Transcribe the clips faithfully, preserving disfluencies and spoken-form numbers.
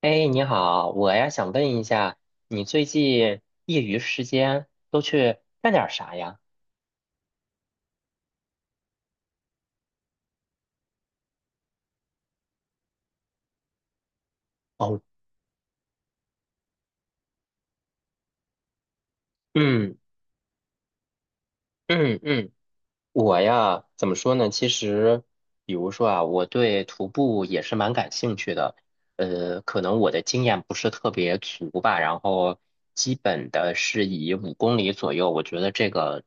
哎，你好，我呀想问一下，你最近业余时间都去干点儿啥呀？哦，嗯嗯嗯，我呀怎么说呢？其实，比如说啊，我对徒步也是蛮感兴趣的，呃，可能我的经验不是特别足吧，然后基本的是以五公里左右，我觉得这个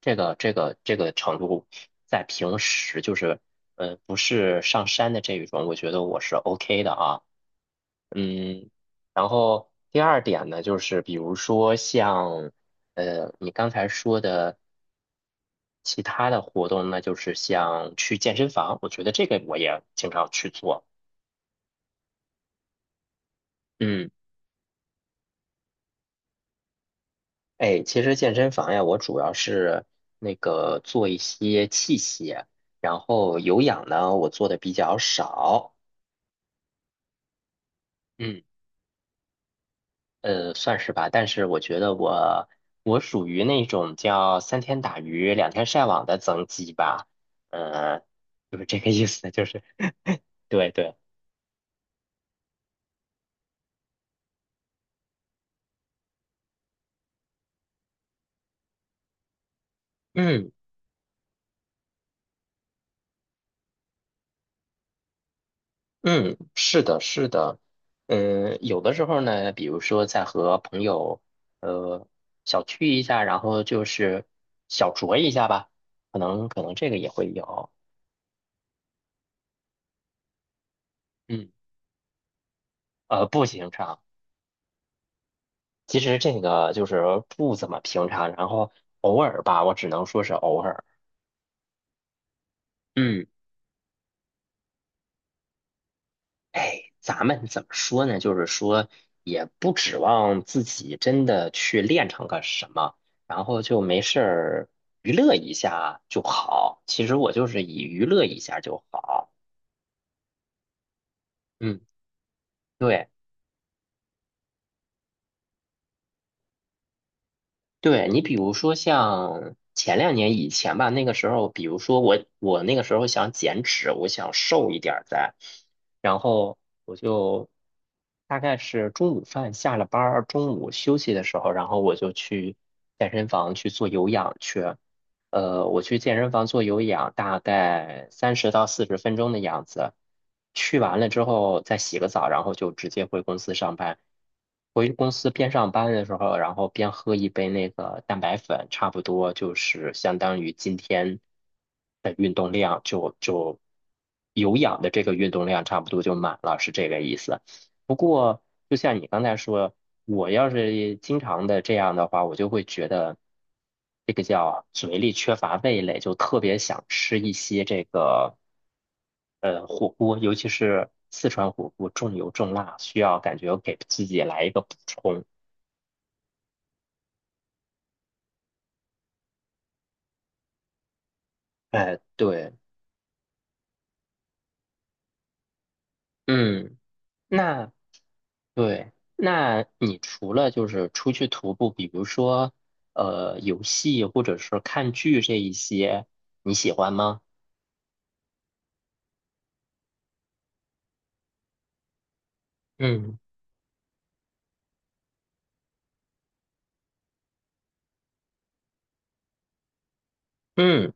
这个这个这个程度，在平时就是，呃，不是上山的这一种，我觉得我是 OK 的啊。嗯，然后第二点呢，就是比如说像，呃，你刚才说的其他的活动，那就是像去健身房，我觉得这个我也经常去做。嗯，哎，其实健身房呀，我主要是那个做一些器械，然后有氧呢，我做的比较少。嗯。呃，算是吧，但是我觉得我我属于那种叫三天打鱼两天晒网的增肌吧，呃，就是这个意思，就是 对对，嗯嗯，是的，是的，嗯，有的时候呢，比如说在和朋友呃小聚一下，然后就是小酌一下吧，可能可能这个也会有，嗯，呃，步行上。其实这个就是不怎么平常，然后偶尔吧，我只能说是偶尔。嗯，哎，咱们怎么说呢？就是说，也不指望自己真的去练成个什么，然后就没事儿娱乐一下就好。其实我就是以娱乐一下就好。嗯，对。对你，比如说像前两年以前吧，那个时候，比如说我我那个时候想减脂，我想瘦一点儿再，然后我就大概是中午饭下了班儿，中午休息的时候，然后我就去健身房去做有氧去。呃，我去健身房做有氧，大概三十到四十分钟的样子。去完了之后再洗个澡，然后就直接回公司上班。回公司边上班的时候，然后边喝一杯那个蛋白粉，差不多就是相当于今天的运动量就就有氧的这个运动量差不多就满了，是这个意思。不过，就像你刚才说，我要是经常的这样的话，我就会觉得这个叫嘴里缺乏味蕾，就特别想吃一些这个呃火锅，尤其是四川火锅，重油重辣，需要感觉给自己来一个补充。哎，对，嗯，那对，那你除了就是出去徒步，比如说呃游戏或者是看剧这一些，你喜欢吗？嗯嗯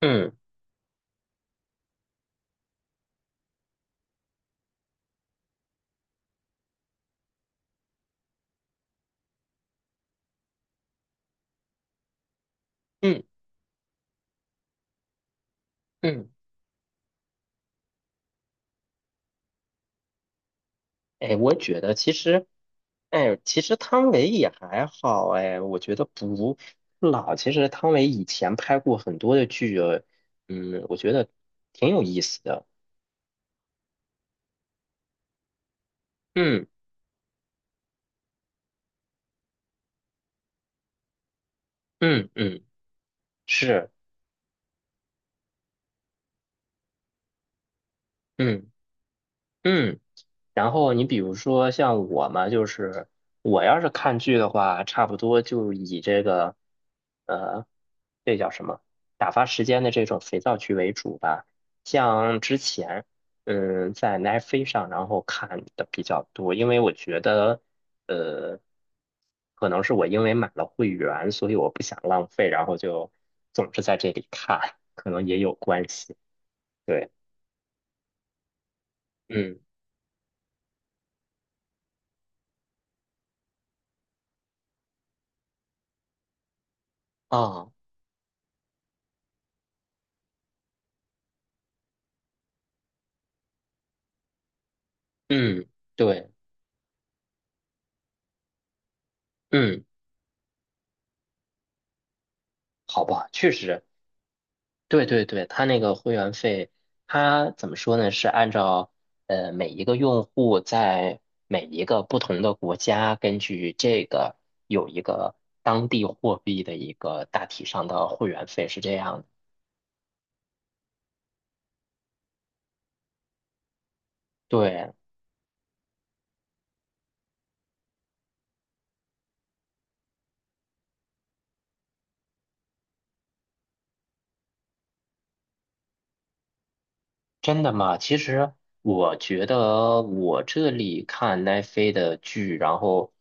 嗯。嗯嗯，哎，我觉得其实，哎，其实汤唯也还好，哎，我觉得不老。其实汤唯以前拍过很多的剧，嗯，我觉得挺有意思的。嗯嗯嗯，是，嗯嗯。然后你比如说像我嘛，就是我要是看剧的话，差不多就以这个呃，这叫什么打发时间的这种肥皂剧为主吧。像之前嗯在奈飞上，然后看的比较多，因为我觉得呃，可能是我因为买了会员，所以我不想浪费，然后就总是在这里看，可能也有关系。对，嗯，啊，嗯，对。嗯。好吧，确实，对对对，它那个会员费，它怎么说呢？是按照呃每一个用户在每一个不同的国家，根据这个有一个当地货币的一个大体上的会员费是这样的。对，真的吗？其实我觉得我这里看奈飞的剧，然后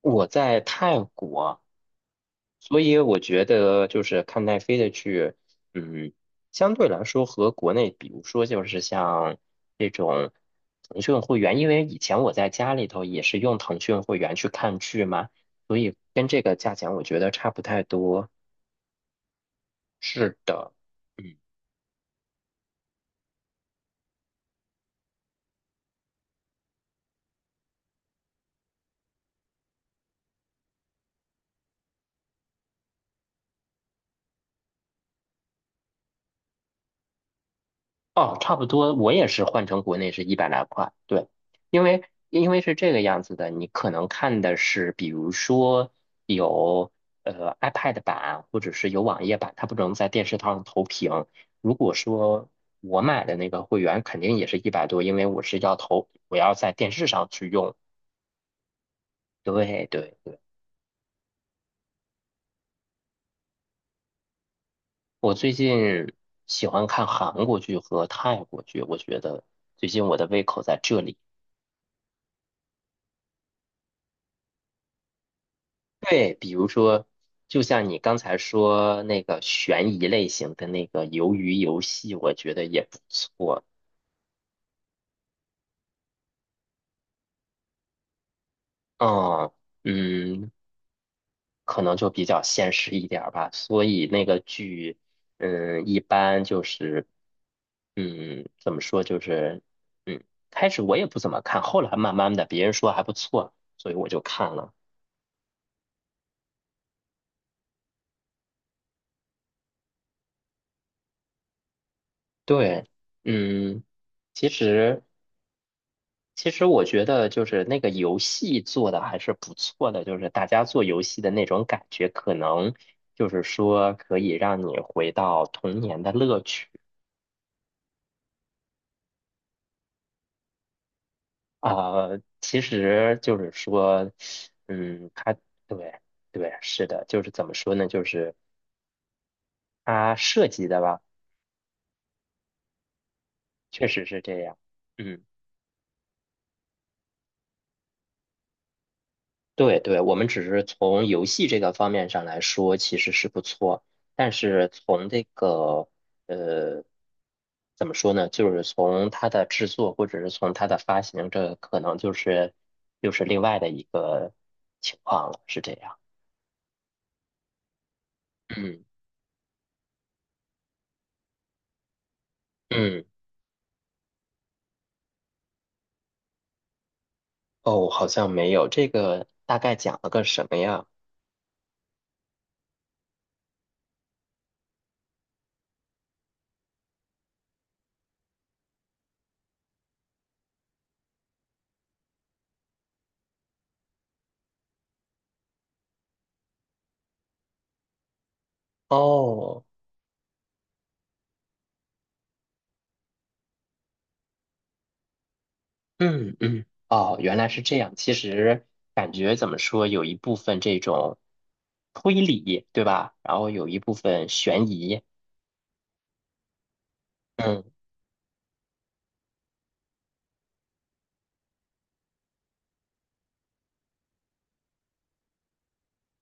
我在泰国。所以我觉得就是看奈飞的剧，嗯，相对来说和国内，比如说就是像这种腾讯会员，因为以前我在家里头也是用腾讯会员去看剧嘛，所以跟这个价钱我觉得差不太多。是的，嗯。哦，差不多，我也是换成国内是一百来块，对，因为因为是这个样子的，你可能看的是，比如说有呃 iPad 版或者是有网页版，它不能在电视上投屏。如果说我买的那个会员，肯定也是一百多，因为我是要投，我要在电视上去用。对对对，我最近喜欢看韩国剧和泰国剧，我觉得最近我的胃口在这里。对，比如说，就像你刚才说那个悬疑类型的那个鱿鱼游戏，我觉得也不错。嗯嗯，可能就比较现实一点儿吧，所以那个剧，嗯，一般就是，嗯，怎么说就是，嗯，开始我也不怎么看，后来慢慢的别人说还不错，所以我就看了。对，嗯，其实。其实我觉得就是那个游戏做的还是不错的，就是大家做游戏的那种感觉，可能就是说可以让你回到童年的乐趣啊，其实就是说，嗯，它对对是的，就是怎么说呢，就是它设计的吧，确实是这样。嗯。对对，我们只是从游戏这个方面上来说，其实是不错。但是从这个呃，怎么说呢？就是从它的制作，或者是从它的发行，这可能就是又是另外的一个情况了，是这样。嗯嗯，哦，好像没有，这个大概讲了个什么呀？哦。嗯嗯，哦，原来是这样。其实感觉怎么说，有一部分这种推理，对吧？然后有一部分悬疑。嗯，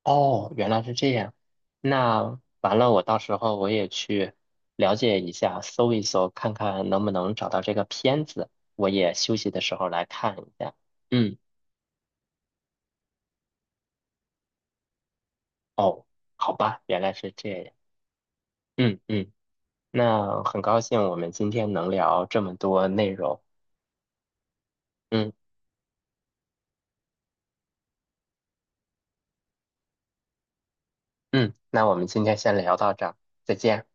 哦，原来是这样。那完了，我到时候我也去了解一下，搜一搜，看看能不能找到这个片子。我也休息的时候来看一下。嗯，哦，好吧，原来是这样。嗯嗯，那很高兴我们今天能聊这么多内容。嗯。嗯，那我们今天先聊到这儿，再见。